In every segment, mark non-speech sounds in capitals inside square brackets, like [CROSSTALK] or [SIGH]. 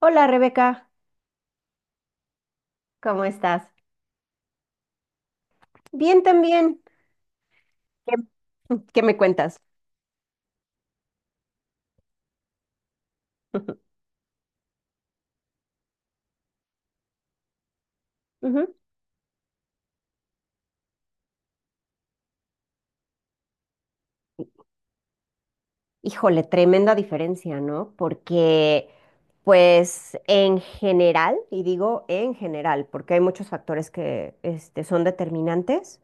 Hola Rebeca, ¿cómo estás? Bien también. ¿Qué, qué me cuentas? [LAUGHS] Ujú. Híjole, tremenda diferencia, ¿no? Porque, pues, en general, y digo en general, porque hay muchos factores que son determinantes,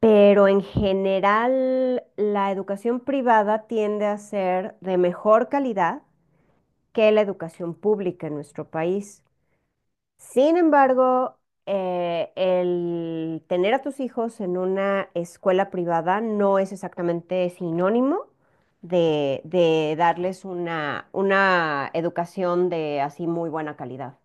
pero en general la educación privada tiende a ser de mejor calidad que la educación pública en nuestro país. Sin embargo, el tener a tus hijos en una escuela privada no es exactamente sinónimo de darles una educación de así muy buena calidad.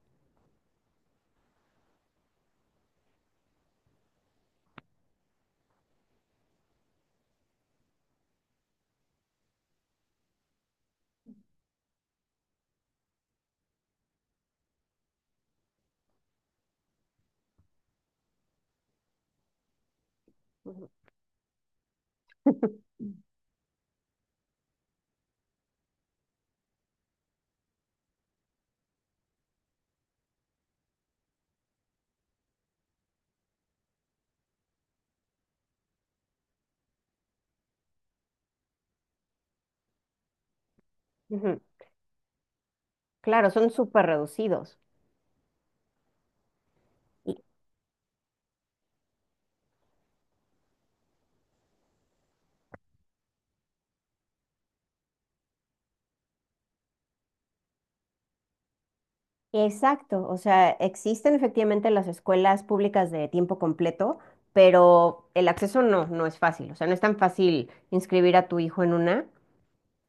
Ujú. Claro, son súper reducidos. Y- Exacto, o sea, existen efectivamente las escuelas públicas de tiempo completo, pero el acceso no es fácil, o sea, no es tan fácil inscribir a tu hijo en una.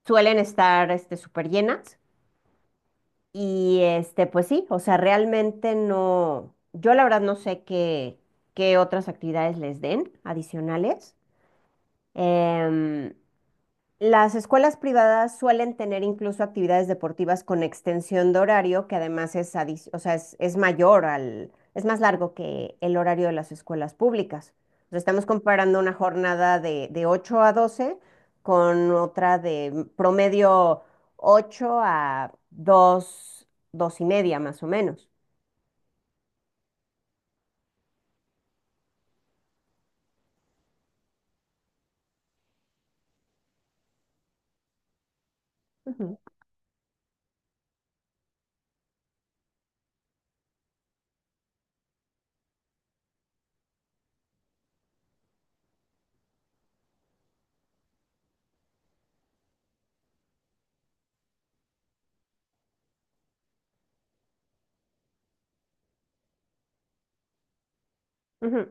Suelen estar este, súper llenas. Y este, pues sí, o sea, realmente no, yo la verdad no sé qué otras actividades les den adicionales. Em, las escuelas privadas suelen tener incluso actividades deportivas con extensión de horario, que además es, o sea, es mayor al, es más largo que el horario de las escuelas públicas. O sea, estamos comparando una jornada de 8 a 12 con otra de promedio 8 a dos, y media más o menos. Ujú, ujú.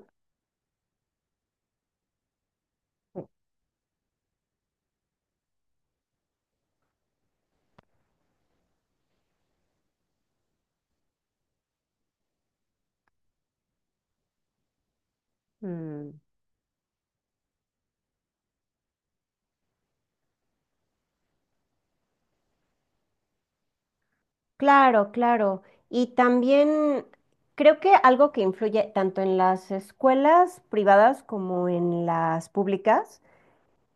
Mm. Claro, claro. Y también creo que algo que influye tanto en las escuelas privadas como en las públicas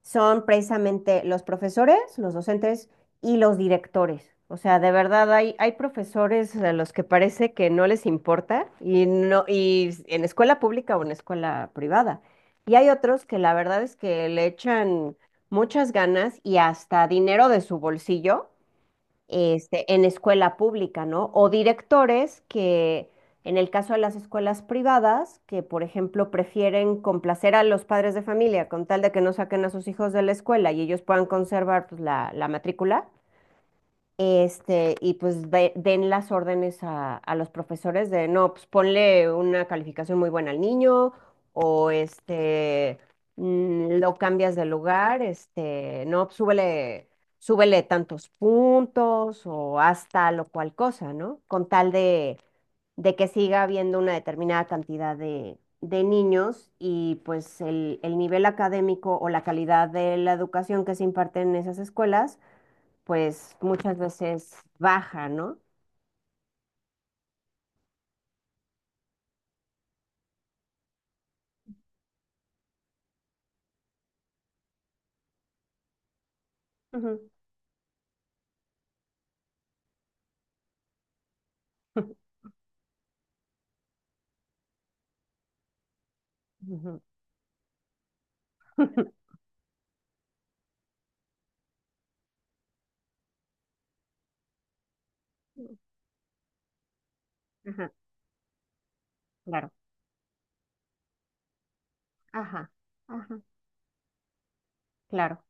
son precisamente los profesores, los docentes y los directores. O sea, de verdad hay profesores a los que parece que no les importa y no, y en escuela pública o en escuela privada. Y hay otros que la verdad es que le echan muchas ganas y hasta dinero de su bolsillo este, en escuela pública, ¿no? O directores que, en el caso de las escuelas privadas, que por ejemplo prefieren complacer a los padres de familia con tal de que no saquen a sus hijos de la escuela y ellos puedan conservar pues, la matrícula, este, y pues den las órdenes a los profesores de, no, pues ponle una calificación muy buena al niño o este, mm, lo cambias de lugar, este, no, pues, súbele, súbele tantos puntos o haz tal o cual cosa, ¿no? Con tal de que siga habiendo una determinada cantidad de niños y pues el nivel académico o la calidad de la educación que se imparte en esas escuelas pues muchas veces baja, ¿no? Ujú. Ujú. [LAUGHS] ujú. Ajá, claro. Ajá, ajá, claro.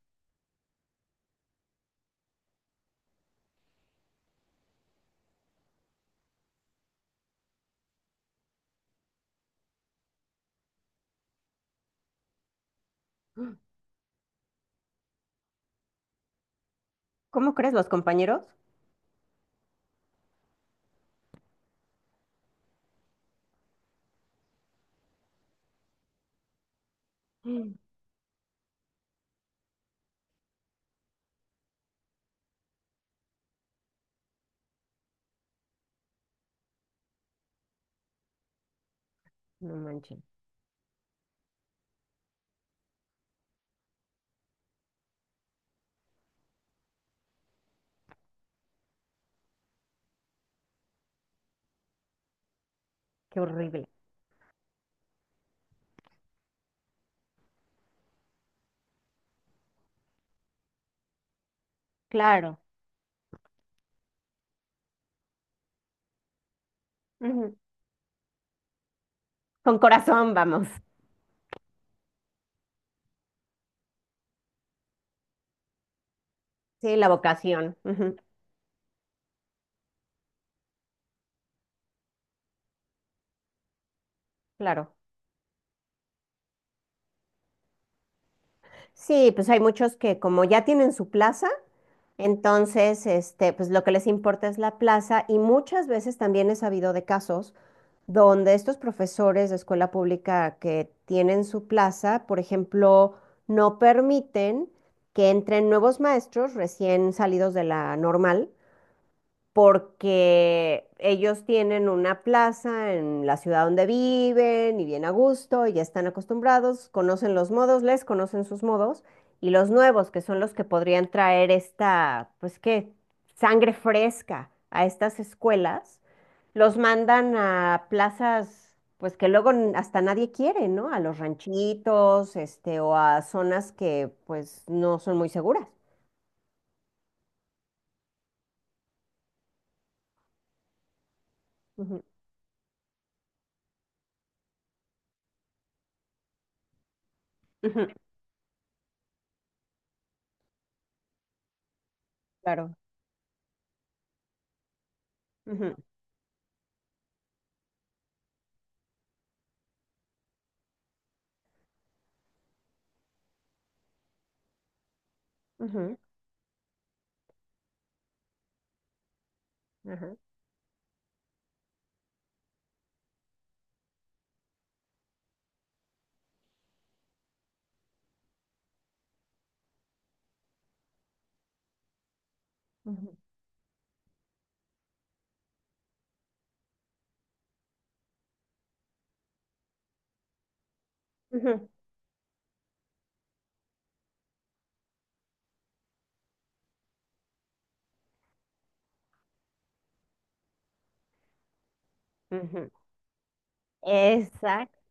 ¿Cómo crees, los compañeros? Mm. No manches, qué horrible. Claro. Ujú. Con corazón vamos. Sí, la vocación. Ujú. Claro. Sí, pues hay muchos que como ya tienen su plaza, entonces, este, pues lo que les importa es la plaza y muchas veces también he sabido de casos donde estos profesores de escuela pública que tienen su plaza, por ejemplo, no permiten que entren nuevos maestros recién salidos de la normal porque ellos tienen una plaza en la ciudad donde viven y bien a gusto, y ya están acostumbrados, conocen los modos, les conocen sus modos, y los nuevos, que son los que podrían traer esta, pues qué, sangre fresca a estas escuelas, los mandan a plazas, pues que luego hasta nadie quiere, ¿no? A los ranchitos, este, o a zonas que pues no son muy seguras. Ujú, ujú. Claro. Ujú, ujú, ajá. Ujú, ujú, ujú. Exacto.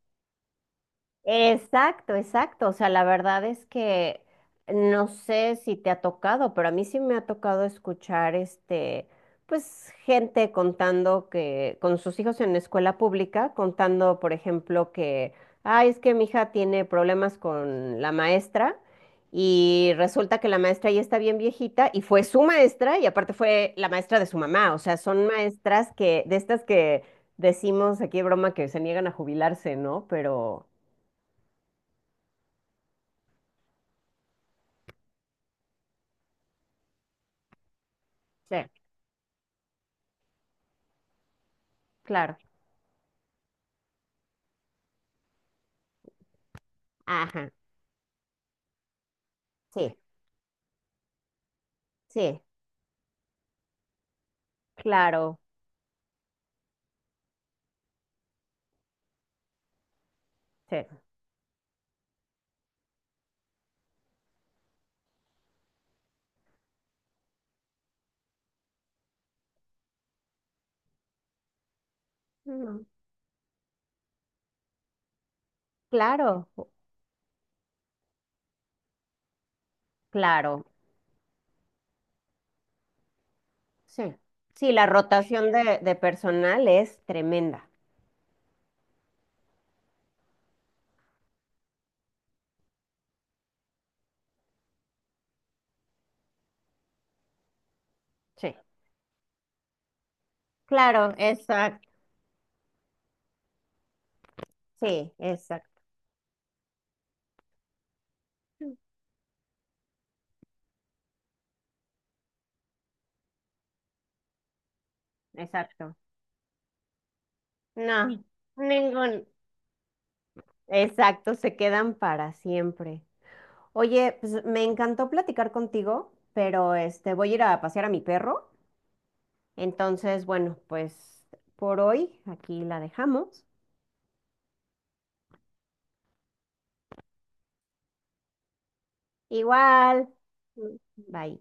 Exacto, exacto. O sea, la verdad es que no sé si te ha tocado, pero a mí sí me ha tocado escuchar este, pues, gente contando que, con sus hijos en escuela pública, contando, por ejemplo, que, ay, es que mi hija tiene problemas con la maestra, y resulta que la maestra ya está bien viejita, y fue su maestra, y aparte fue la maestra de su mamá. O sea, son maestras que, de estas que decimos aquí de broma que se niegan a jubilarse, ¿no? Pero. Sí, claro. Ajá, sí, sí, claro, sí, mm, claro, claro, sí. Sí, la rotación de personal es tremenda. Sí. Claro, exacto, sí, exacto, exacto. No, ningún. Exacto, se quedan para siempre. Oye, pues me encantó platicar contigo, pero este voy a ir a pasear a mi perro. Entonces, bueno, pues por hoy aquí la dejamos. Igual. Bye.